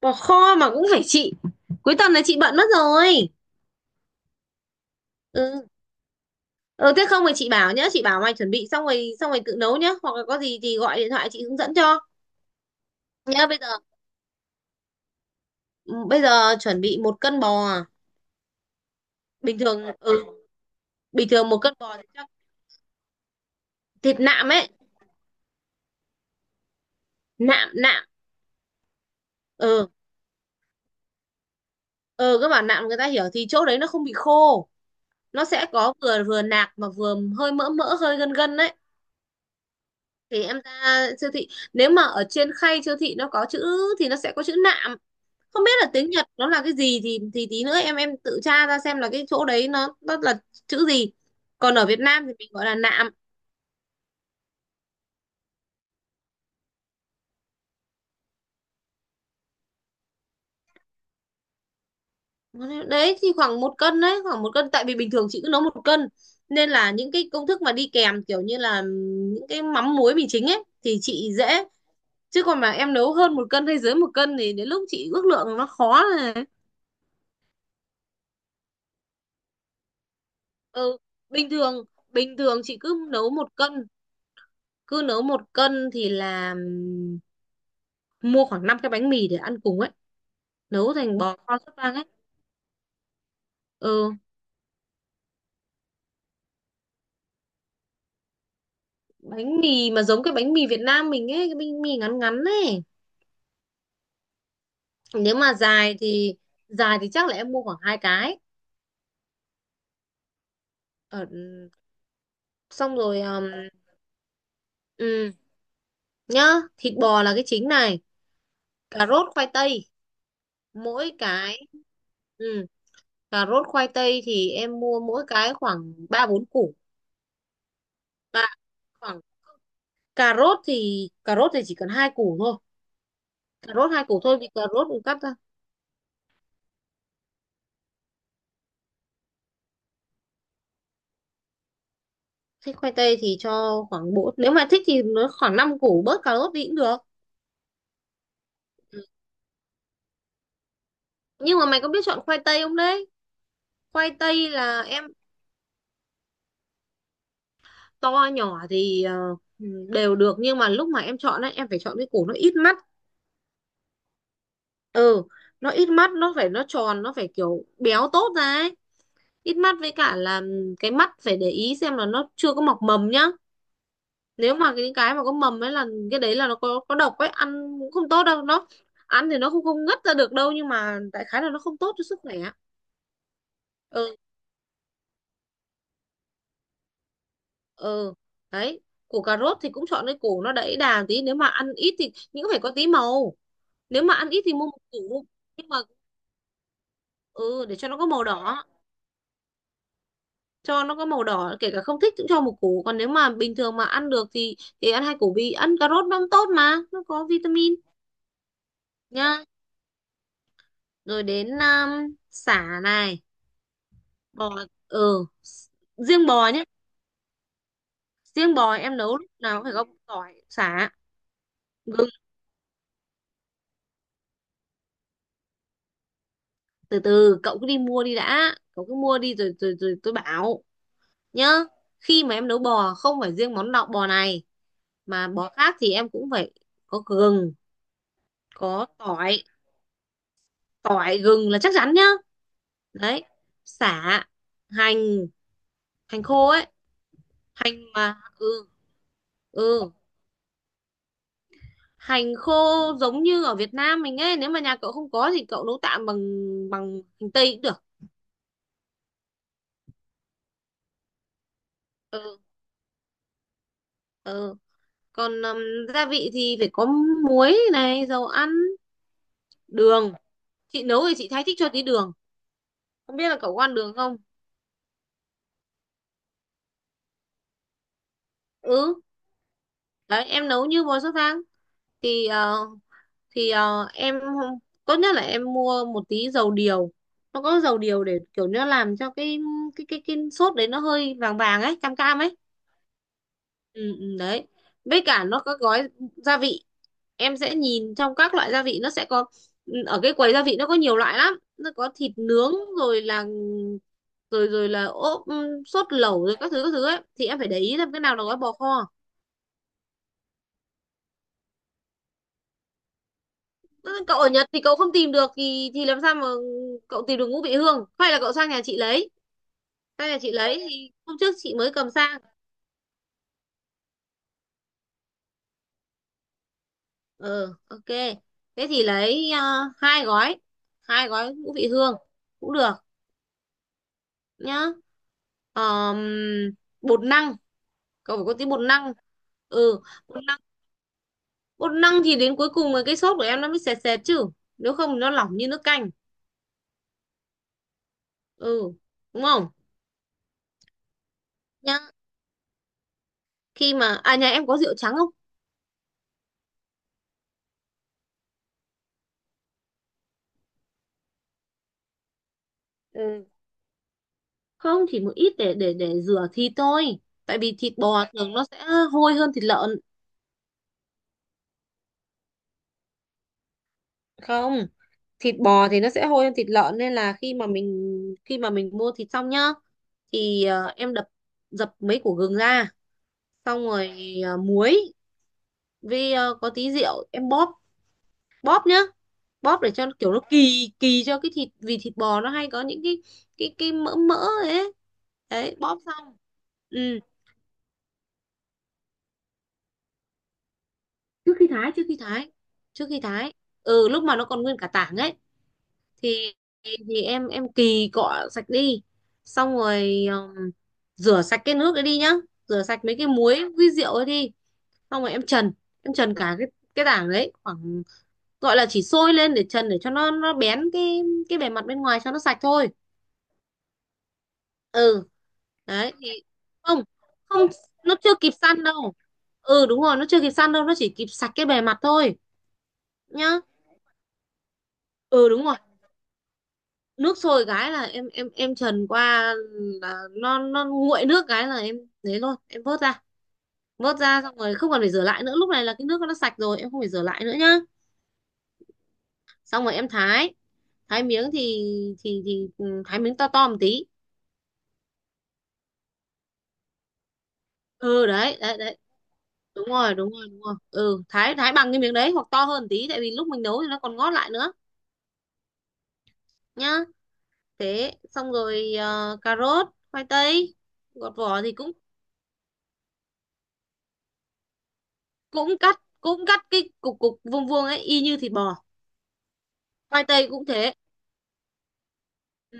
Bỏ kho mà cũng phải chị, cuối tuần này chị bận mất rồi. Ừ, ừ, thế không thì chị bảo nhá, chị bảo mày chuẩn bị xong rồi, xong rồi tự nấu nhá, hoặc là có gì thì gọi điện thoại chị hướng dẫn cho. Nhá, bây giờ. Ừ, bây giờ chuẩn bị một cân bò. Bình thường, ừ. Bình thường một cân bò thì chắc thịt nạm ấy. Nạm, nạm. Ừ, ừ, các bạn nạm người ta hiểu, thì chỗ đấy nó không bị khô, nó sẽ có vừa vừa nạc mà vừa hơi mỡ mỡ, hơi gân gân đấy. Thì em ra siêu thị, nếu mà ở trên khay siêu thị nó có chữ thì nó sẽ có chữ nạm. Không biết là tiếng Nhật nó là cái gì, thì tí nữa em tự tra ra xem là cái chỗ đấy nó là chữ gì. Còn ở Việt Nam thì mình gọi là nạm. Đấy thì khoảng một cân đấy, khoảng một cân, tại vì bình thường chị cứ nấu một cân, nên là những cái công thức mà đi kèm kiểu như là những cái mắm muối mì chính ấy thì chị dễ. Chứ còn mà em nấu hơn một cân hay dưới một cân thì đến lúc chị ước lượng nó khó này. Ừ, bình thường, bình thường chị cứ nấu một cân, cứ nấu một cân thì là mua khoảng 5 cái bánh mì để ăn cùng ấy, nấu thành bò kho sốt vang ấy. Ừ. Bánh mì mà giống cái bánh mì Việt Nam mình ấy, cái bánh mì ngắn ngắn ấy. Nếu mà dài thì, dài thì chắc là em mua khoảng hai cái. Ờ, xong rồi, ừ, nhá. Thịt bò là cái chính này, cà rốt khoai tây mỗi cái. Ừ, cà rốt khoai tây thì em mua mỗi cái khoảng ba bốn củ. À, khoảng, cà rốt thì, cà rốt thì chỉ cần hai củ thôi. Cà rốt hai củ thôi vì cà rốt cũng cắt. Thích khoai tây thì cho khoảng bốn, nếu mà thích thì nó khoảng 5 củ, bớt cà rốt đi cũng được. Ừ. Nhưng mà mày có biết chọn khoai tây không đấy? Khoai tây là em, to nhỏ thì đều được, nhưng mà lúc mà em chọn ấy em phải chọn cái củ nó ít mắt. Ừ, nó ít mắt, nó phải nó tròn, nó phải kiểu béo tốt ra ấy. Ít mắt với cả là cái mắt phải để ý xem là nó chưa có mọc mầm nhá. Nếu mà cái mà có mầm ấy là cái đấy là nó có độc ấy, ăn cũng không tốt đâu. Nó ăn thì nó không không ngất ra được đâu, nhưng mà đại khái là nó không tốt cho sức khỏe. Ừ, ừ, đấy. Củ cà rốt thì cũng chọn cái củ nó đẫy đà tí, nếu mà ăn ít thì, nhưng cũng phải có tí màu. Nếu mà ăn ít thì mua một củ, nhưng mà ừ, để cho nó có màu đỏ, cho nó có màu đỏ, kể cả không thích cũng cho một củ. Còn nếu mà bình thường mà ăn được thì ăn hai củ, vì ăn cà rốt nó cũng tốt mà nó có vitamin. Nhá, rồi đến sả này, bò. ừ s- Riêng bò nhé. Riêng bò em nấu lúc nào cũng phải có tỏi sả gừng. Từ từ, cậu cứ đi mua đi đã, cậu cứ mua đi rồi rồi rồi tôi bảo. Nhá, khi mà em nấu bò, không phải riêng món lọc bò này, mà bò khác thì em cũng phải có gừng, có tỏi. Tỏi gừng là chắc chắn nhá. Đấy, sả, hành, hành khô ấy. Hành mà ừ, ừ, hành khô, giống như ở Việt Nam mình ấy. Nếu mà nhà cậu không có thì cậu nấu tạm bằng, bằng hành tây cũng được. Ừ, ừ. Còn gia vị thì phải có muối này, dầu ăn, đường. Chị nấu thì chị thái thích cho tí đường. Không biết là cậu có ăn đường không? Ừ, đấy, em nấu như bò sốt vang thì thì ờ, em không- tốt nhất là em mua một tí dầu điều. Nó có dầu điều để kiểu nó làm cho cái cái sốt đấy nó hơi vàng vàng ấy, cam cam ấy. Ừ, ừ, đấy. Với cả nó có gói gia vị, em sẽ nhìn trong các loại gia vị nó sẽ có. Ừ, ở cái quầy gia vị nó có nhiều loại lắm, nó có thịt nướng, rồi là rồi rồi là ốp, sốt lẩu rồi các thứ ấy. Thì em phải để ý xem cái nào là gói bò kho. Ừ, cậu ở Nhật thì cậu không tìm được thì làm sao mà cậu tìm được ngũ vị hương, hay là cậu sang nhà chị lấy. Sang nhà chị lấy thì hôm trước chị mới cầm sang. Ờ, ok, thế thì lấy à, hai gói, hai gói ngũ vị hương cũng được nhá. Ờm, bột năng, cậu phải có tí bột năng. Ừ, bột năng. Bột năng thì đến cuối cùng là cái sốt của em nó mới sệt sệt chứ, nếu không thì nó lỏng như nước canh. Ừ, đúng không, nhá? Khi mà nhà em có rượu trắng không? Ừ, không, chỉ một ít để để rửa thịt thôi, tại vì thịt bò thường nó sẽ hôi hơn thịt lợn. Không, thịt bò thì nó sẽ hôi hơn thịt lợn, nên là khi mà mình, khi mà mình mua thịt xong nhá, thì em đập, dập mấy củ gừng ra, xong rồi à, muối, với à, có tí rượu em bóp, bóp nhá, bóp để cho nó kiểu nó kỳ kỳ cho cái thịt, vì thịt bò nó hay có những cái cái mỡ mỡ ấy. Đấy, bóp xong, ừ. Trước khi thái, trước khi thái, trước khi thái, ừ, lúc mà nó còn nguyên cả tảng ấy, thì thì em kỳ cọ sạch đi, xong rồi rửa sạch cái nước ấy đi nhá, rửa sạch mấy cái muối với rượu ấy đi. Xong rồi em trần, em trần cả cái tảng đấy, khoảng gọi là chỉ sôi lên để trần, để cho nó bén cái bề mặt bên ngoài cho nó sạch thôi. Ừ đấy. Thì không, không, nó chưa kịp săn đâu. Ừ, đúng rồi, nó chưa kịp săn đâu, nó chỉ kịp sạch cái bề mặt thôi. Nhá. Ừ đúng rồi. Nước sôi cái là em trần qua, là nó nguội nước cái là em thế luôn em vớt ra. Vớt ra xong rồi không còn phải rửa lại nữa, lúc này là cái nước nó sạch rồi em không phải rửa lại nữa nhá. Xong rồi em thái, thái miếng thì thì ừ, thái miếng to to một tí. Ừ đấy đấy đấy, đúng rồi đúng rồi đúng rồi, ừ thái, thái bằng cái miếng đấy hoặc to hơn một tí, tại vì lúc mình nấu thì nó còn ngót lại nữa. Nhá, thế xong rồi cà rốt khoai tây gọt vỏ thì cũng, cũng cắt, cũng cắt cái cục cục vuông vuông ấy y như thịt bò. Khoai tây cũng thế. Ừ.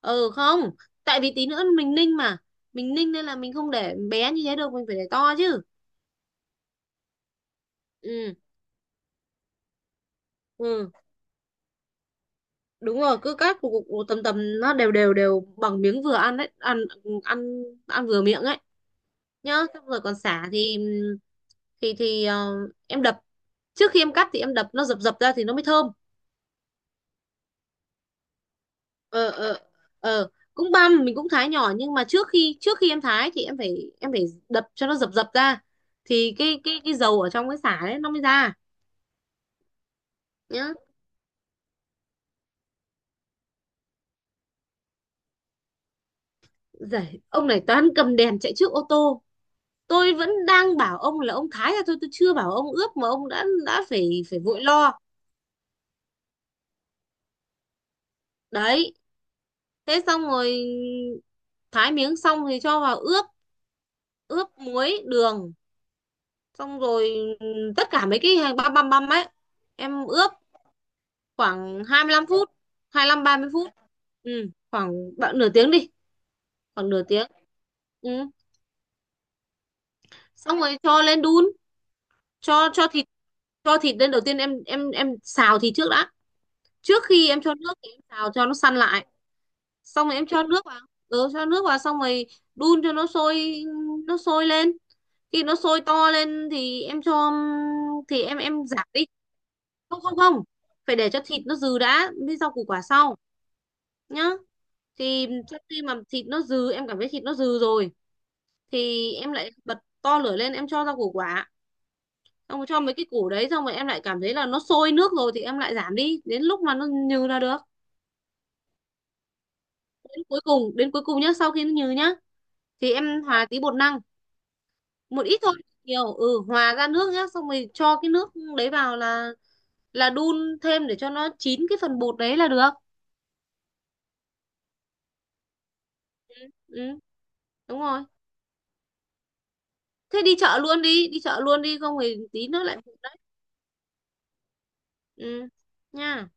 Ừ không, tại vì tí nữa mình ninh mà, mình ninh nên là mình không để bé như thế được, mình phải để to chứ. Ừ, ừ đúng rồi, cứ cắt cục cục cục tầm tầm nó đều đều đều bằng miếng vừa ăn đấy, ăn ăn ăn vừa miệng ấy. Nhá, xong rồi còn sả thì thì em đập, trước khi em cắt thì em đập nó dập dập ra thì nó mới thơm. Ờ, ờ, ờ. Cũng băm, mình cũng thái nhỏ, nhưng mà trước khi em thái thì em phải đập cho nó dập dập ra, thì cái dầu ở trong cái sả đấy nó mới ra. Nhá, giải ông này toán cầm đèn chạy trước ô tô. Tôi vẫn đang bảo ông là ông thái ra thôi, tôi chưa bảo ông ướp mà ông đã phải phải vội lo. Đấy, thế xong rồi thái miếng xong thì cho vào ướp, ướp muối đường. Xong rồi tất cả mấy cái hàng băm băm băm ấy em ướp khoảng 25 phút. 25-30 phút ừ, khoảng bạn nửa tiếng đi, khoảng nửa tiếng. Ừ. Xong rồi cho lên đun, cho thịt, cho thịt lên đầu tiên em xào thịt trước đã. Trước khi em cho nước thì em xào cho nó săn lại, xong rồi em cho nước vào. Ừ, cho nước vào xong rồi đun cho nó sôi, nó sôi lên, khi nó sôi to lên thì em cho, thì em giảm đi. Không, không, không, phải để cho thịt nó dừ đã, với rau củ quả sau. Nhá, thì sau khi mà thịt nó dừ, em cảm thấy thịt nó dừ rồi thì em lại bật to lửa lên em cho rau củ quả. Xong rồi cho mấy cái củ đấy xong rồi em lại cảm thấy là nó sôi nước rồi thì em lại giảm đi đến lúc mà nó nhừ là được. Đến cuối cùng, đến cuối cùng nhá, sau khi nó nhừ nhá, thì em hòa tí bột năng, một ít thôi, nhiều ừ hòa ra nước nhá, xong rồi cho cái nước đấy vào là đun thêm để cho nó chín cái phần bột đấy là được. Ừ, ừ đúng rồi. Thế đi chợ luôn đi, đi chợ luôn đi không thì tí nữa lại hụt đấy. Ừ, nha.